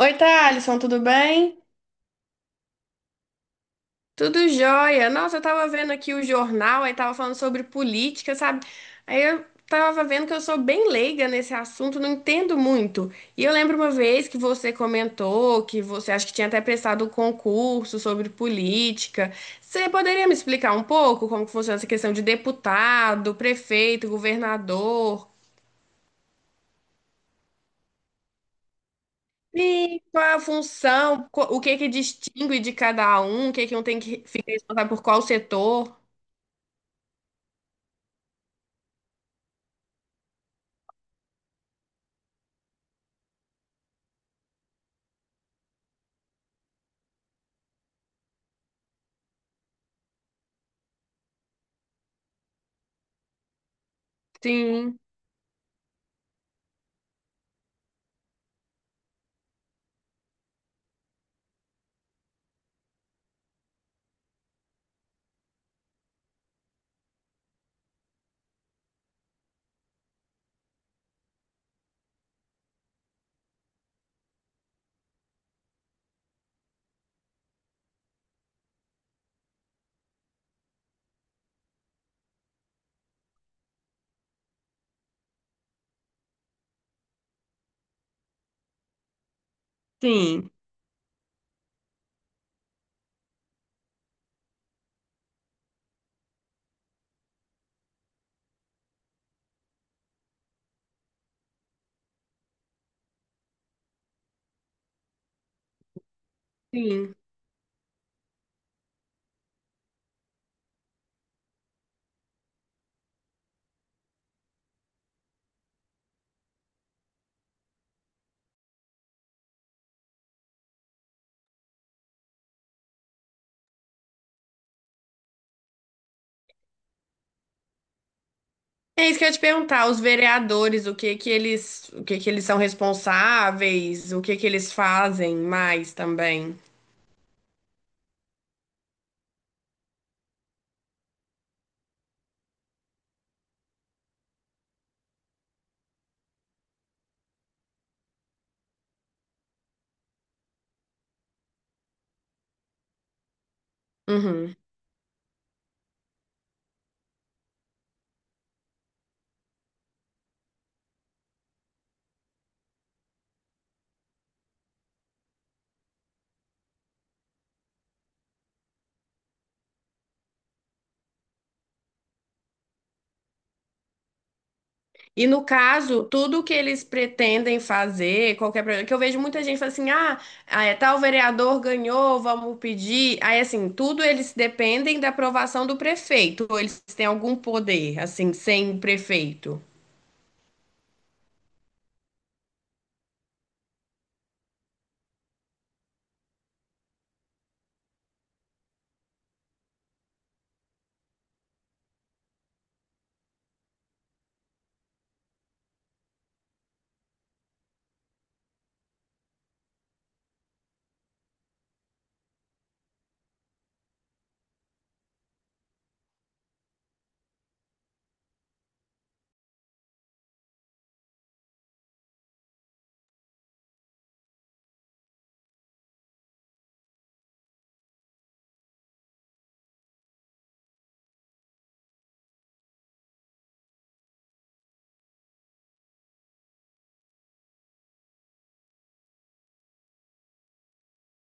Oi, Thalisson, tudo bem? Tudo jóia. Nossa, eu tava vendo aqui o jornal, aí tava falando sobre política, sabe? Aí eu tava vendo que eu sou bem leiga nesse assunto, não entendo muito. E eu lembro uma vez que você comentou que você acho que tinha até prestado um concurso sobre política. Você poderia me explicar um pouco como que funciona essa questão de deputado, prefeito, governador? E qual é a função, o que que distingue de cada um, o que que um tem que ficar responsável por qual setor? Sim, sim, sim. É isso que eu ia te perguntar, os vereadores, o que que eles, o que que eles são responsáveis, o que que eles fazem mais também. Uhum. E no caso, tudo que eles pretendem fazer, qualquer projeto, que eu vejo muita gente falando assim, ah, é, tal vereador ganhou, vamos pedir. Aí assim, tudo eles dependem da aprovação do prefeito, ou eles têm algum poder, assim, sem o prefeito.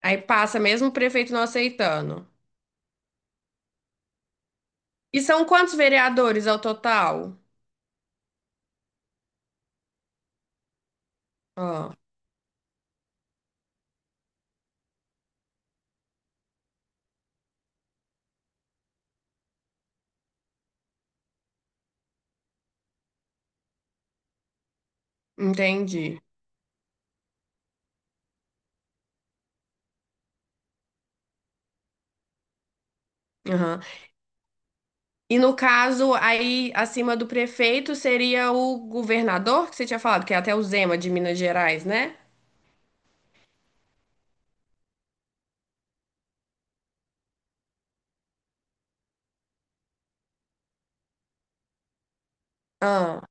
Aí passa mesmo o prefeito não aceitando. E são quantos vereadores ao total? Ó, entendi. Aham. E no caso, aí acima do prefeito seria o governador, que você tinha falado, que é até o Zema de Minas Gerais, né? Ah,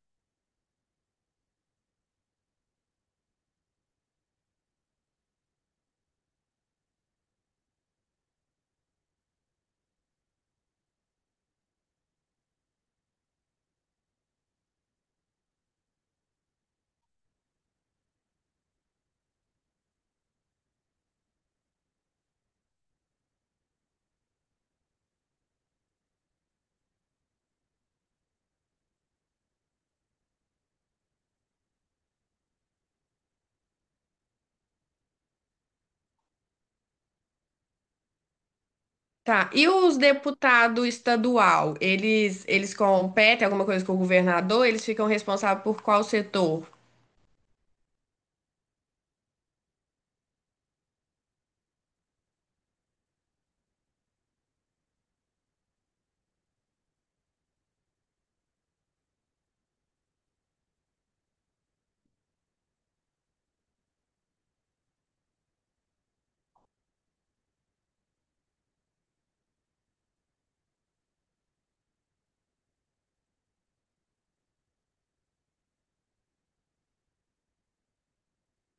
tá. E os deputados estadual, eles competem alguma coisa com o governador? Eles ficam responsáveis por qual setor?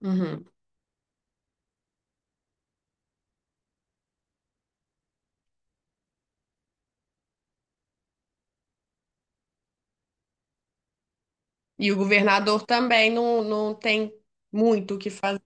Uhum. E o governador também não, não tem muito o que fazer.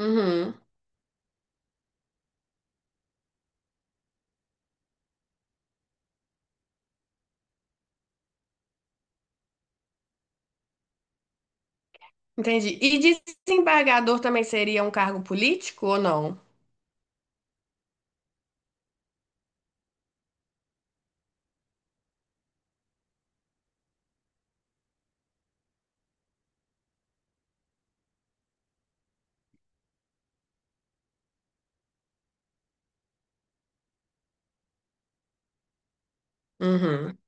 Uhum. Entendi. E desembargador também seria um cargo político ou não? Uhum,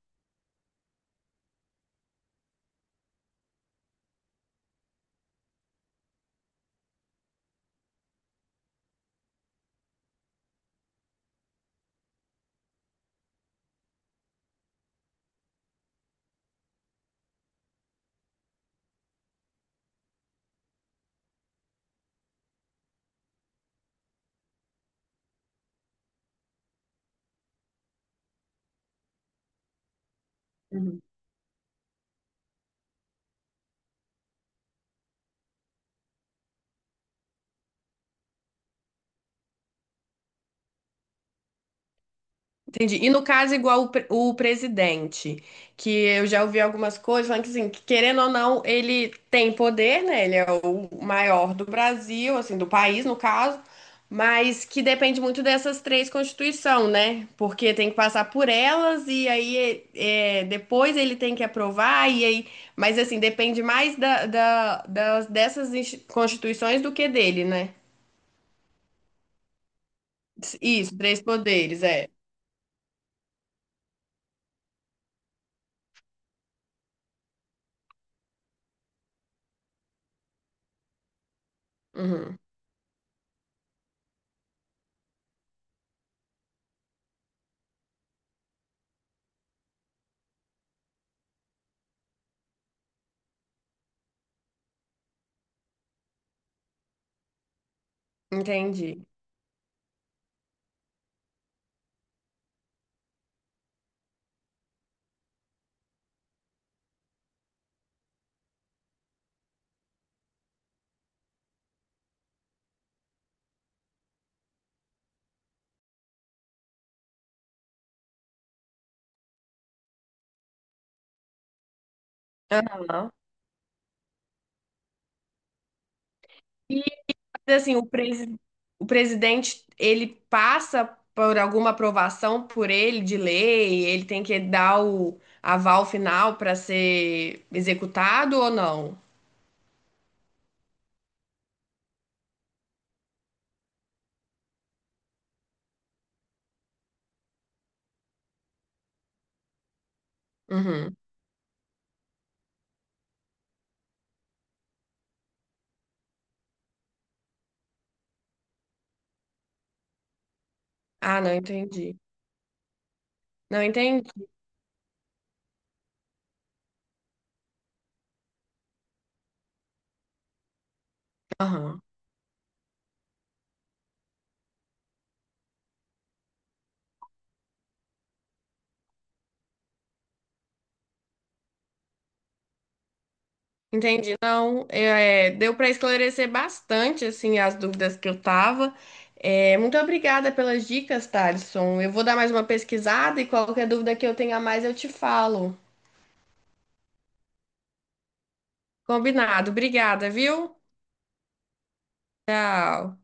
entendi. E no caso, igual o, o presidente, que eu já ouvi algumas coisas falando que, assim, que, querendo ou não, ele tem poder, né? Ele é o maior do Brasil, assim, do país, no caso, mas que depende muito dessas três constituições, né? Porque tem que passar por elas e aí é, é, depois ele tem que aprovar, e aí. Mas, assim, depende mais dessas constituições do que dele, né? Isso, três poderes, é. Uhum, entendi. Aham. E assim, o presidente, ele passa por alguma aprovação por ele de lei, ele tem que dar o aval final para ser executado ou não? Uhum. Ah, não entendi. Não entendi. Aham. Entendi. Não, é, é, deu para esclarecer bastante assim as dúvidas que eu tava. É, muito obrigada pelas dicas, Thalisson. Eu vou dar mais uma pesquisada e qualquer dúvida que eu tenha mais eu te falo. Combinado. Obrigada, viu? Tchau.